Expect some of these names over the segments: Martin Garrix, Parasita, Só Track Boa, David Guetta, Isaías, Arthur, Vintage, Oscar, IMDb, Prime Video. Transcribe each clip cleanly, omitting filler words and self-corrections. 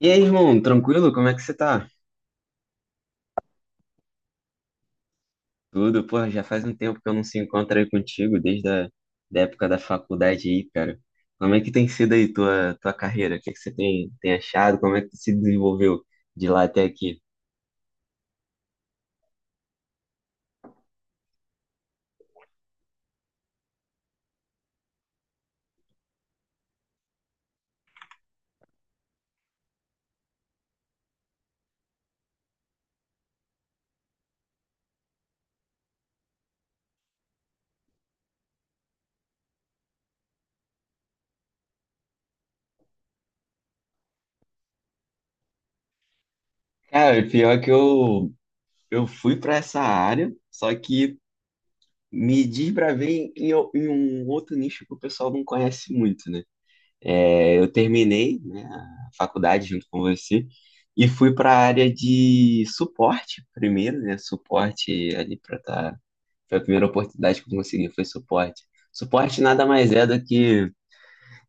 E aí, irmão, tranquilo? Como é que você tá? Tudo, porra, já faz um tempo que eu não se encontro aí contigo, desde a da época da faculdade aí, cara. Como é que tem sido aí tua carreira? O que é que você tem achado? Como é que tu se desenvolveu de lá até aqui? Cara, pior que eu fui pra essa área, só que me desbravei em um outro nicho que o pessoal não conhece muito, né? Eu terminei, né, a faculdade junto com você e fui para a área de suporte primeiro, né? Suporte ali para tá, foi a primeira oportunidade que eu consegui foi suporte. Suporte nada mais é do que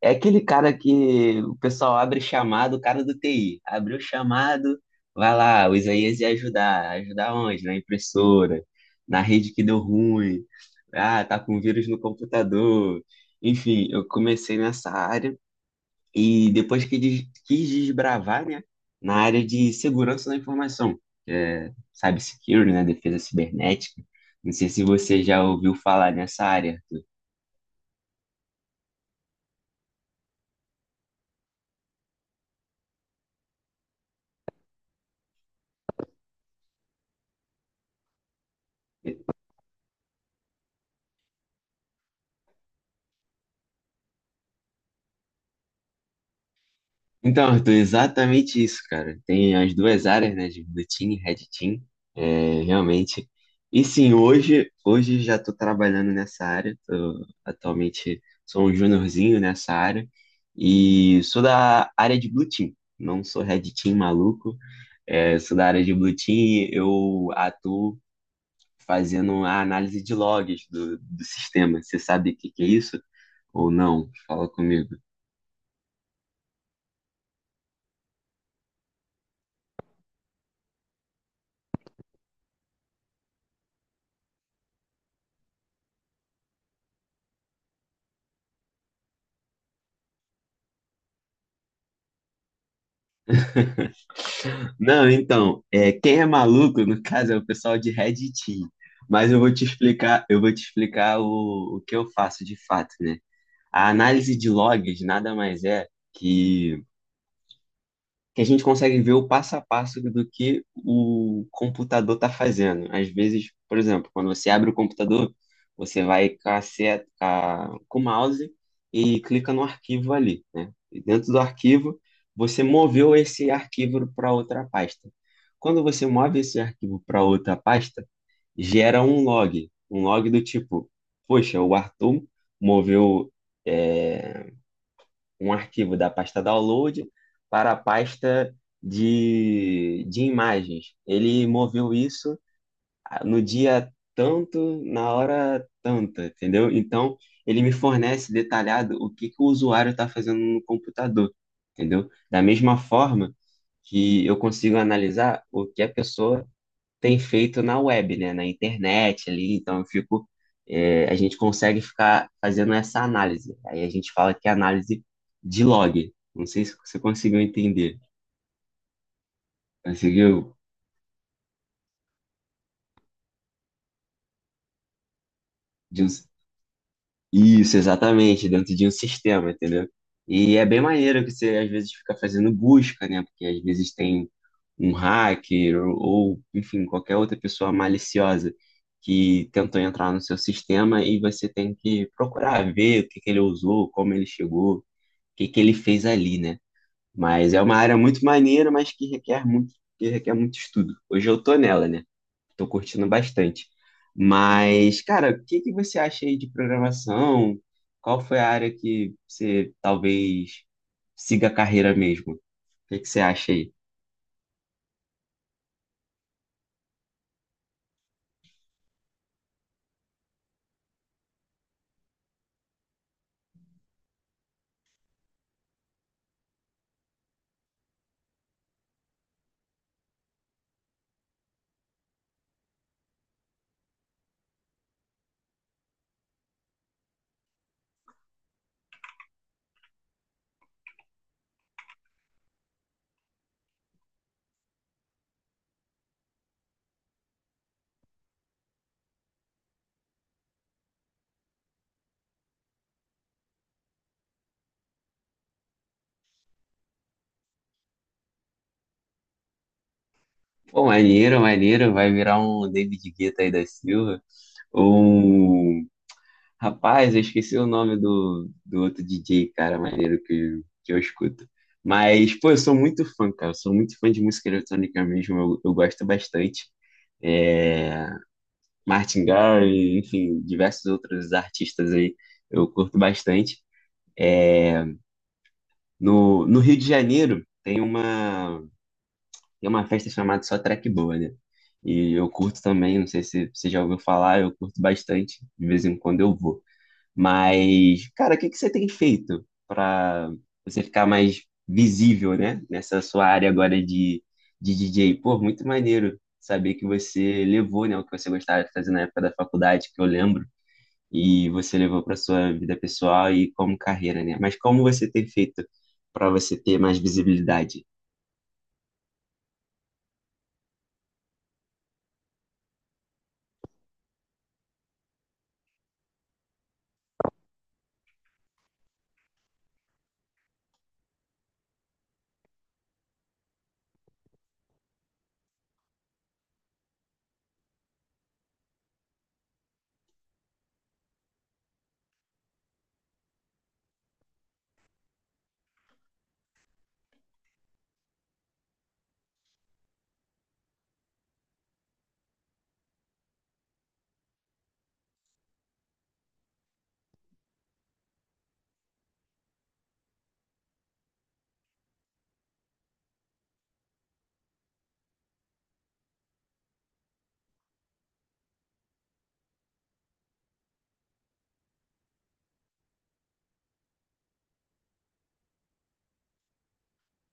é aquele cara que o pessoal abre chamado, o cara do TI, abriu o chamado, vai lá, o Isaías ia ajudar, ajudar onde? Na impressora, na rede que deu ruim. Ah, tá com vírus no computador. Enfim, eu comecei nessa área e depois que quis desbravar, né, na área de segurança da informação, que é cybersecurity, né, defesa cibernética. Não sei se você já ouviu falar nessa área, Arthur. Então, Arthur, exatamente isso, cara. Tem as duas áreas, né, de Blue Team e Red Team, realmente. E sim, hoje já estou trabalhando nessa área. Atualmente sou um juniorzinho nessa área e sou da área de Blue Team. Não sou Red Team maluco, é, sou da área de Blue Team, eu atuo fazendo a análise de logs do sistema. Você sabe o que que é isso? Ou não? Fala comigo. Não, então, é, quem é maluco, no caso, é o pessoal de Red Team. Mas eu vou te explicar, eu vou te explicar o que eu faço de fato, né? A análise de logs nada mais é que que a gente consegue ver o passo a passo do que o computador está fazendo. Às vezes, por exemplo, quando você abre o computador, você vai com, a seta, com com o mouse e clica no arquivo ali, né? E dentro do arquivo, você moveu esse arquivo para outra pasta. Quando você move esse arquivo para outra pasta, gera um log do tipo, poxa, o Arthur moveu eh, um arquivo da pasta download para a pasta de imagens. Ele moveu isso no dia tanto, na hora tanta, entendeu? Então, ele me fornece detalhado o que, que o usuário está fazendo no computador, entendeu? Da mesma forma que eu consigo analisar o que a pessoa tem feito na web, né, na internet ali, então eu fico, é, a gente consegue ficar fazendo essa análise. Aí a gente fala que é análise de log. Não sei se você conseguiu entender. Conseguiu? De um- Isso, exatamente, dentro de um sistema, entendeu? E é bem maneiro que você às vezes fica fazendo busca, né? Porque às vezes tem um hacker ou, enfim, qualquer outra pessoa maliciosa que tentou entrar no seu sistema e você tem que procurar ver o que que ele usou, como ele chegou, o que que ele fez ali, né? Mas é uma área muito maneira, mas que que requer muito estudo. Hoje eu tô nela, né? Tô curtindo bastante. Mas, cara, o que que você acha aí de programação? Qual foi a área que você talvez siga a carreira mesmo? O que que você acha aí? Pô, maneiro, maneiro. Vai virar um David Guetta aí da Silva. Ou um rapaz, eu esqueci o nome do outro DJ, cara, maneiro que eu escuto. Mas, pô, eu sou muito fã, cara. Eu sou muito fã de música eletrônica mesmo. Eu gosto bastante. É, Martin Garrix, enfim, diversos outros artistas aí. Eu curto bastante. É, no Rio de Janeiro, tem uma. Tem uma festa chamada Só Track Boa, né? E eu curto também, não sei se você já ouviu falar, eu curto bastante, de vez em quando eu vou. Mas, cara, o que que você tem feito para você ficar mais visível, né? Nessa sua área agora de DJ? Pô, muito maneiro saber que você levou, né, o que você gostava de fazer na época da faculdade, que eu lembro, e você levou para sua vida pessoal e como carreira, né? Mas como você tem feito para você ter mais visibilidade?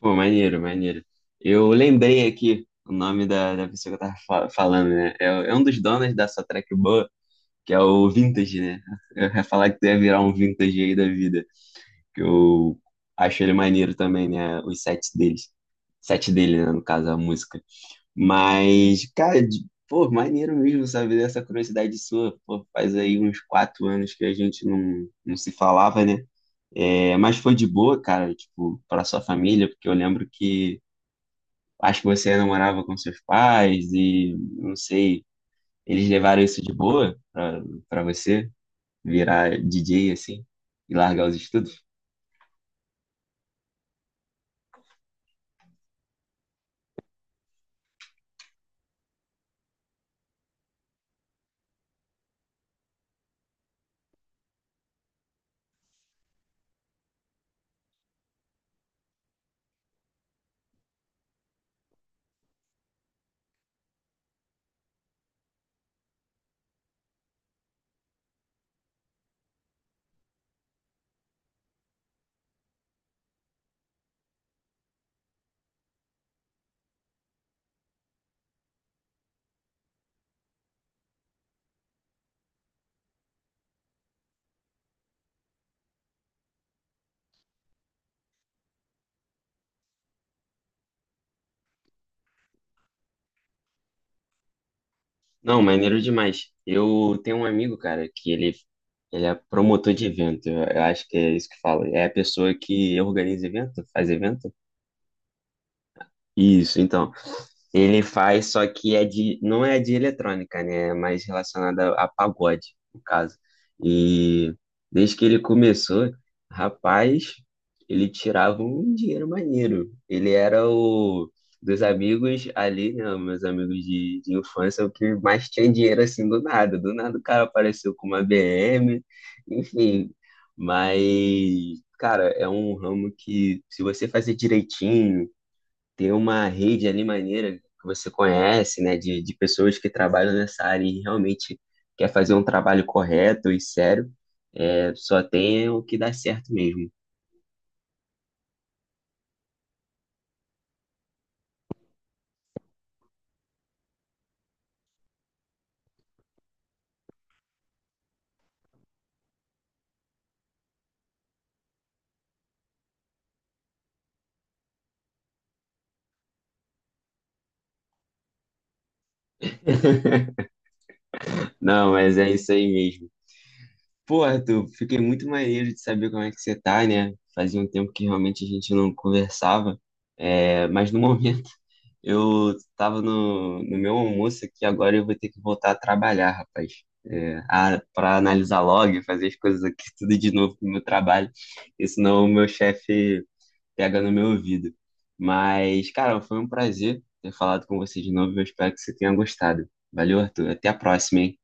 Pô, maneiro, maneiro. Eu lembrei aqui o nome da pessoa que eu tava falando, né? É, é um dos donos da sua track boa, que é o Vintage, né? Eu ia falar que tu ia virar um Vintage aí da vida, que eu acho ele maneiro também, né? Os sets deles. Set dele, né? No caso, a música. Mas, cara, pô, maneiro mesmo, sabe? Dessa curiosidade sua. Pô, faz aí uns quatro anos que a gente não se falava, né? É, mas foi de boa, cara, tipo, para sua família, porque eu lembro que acho que você não morava com seus pais e não sei, eles levaram isso de boa pra para você virar DJ assim e largar os estudos? Não, maneiro demais. Eu tenho um amigo, cara, que ele é promotor de evento. Eu acho que é isso que fala. É a pessoa que organiza evento, faz evento. Isso, então. Ele faz, só que é de, não é de eletrônica, né? É mais relacionada a pagode, no caso. E desde que ele começou, rapaz, ele tirava um dinheiro maneiro. Ele era o dos amigos ali, né? Meus amigos de infância, o que mais tinha dinheiro assim do nada. Do nada o cara apareceu com uma BM, enfim. Mas, cara, é um ramo que se você fazer direitinho, ter uma rede ali maneira que você conhece, né, de pessoas que trabalham nessa área e realmente quer fazer um trabalho correto e sério, é, só tem o que dá certo mesmo. Não, mas é isso aí mesmo. Pô, Arthur, fiquei muito maneiro de saber como é que você tá, né? Fazia um tempo que realmente a gente não conversava, é, mas no momento eu tava no meu almoço aqui, agora eu vou ter que voltar a trabalhar, rapaz. É, a, para analisar log, fazer as coisas aqui tudo de novo pro meu trabalho, porque senão o meu chefe pega no meu ouvido. Mas, cara, foi um prazer ter falado com você de novo. Eu espero que você tenha gostado. Valeu, Arthur. Até a próxima, hein?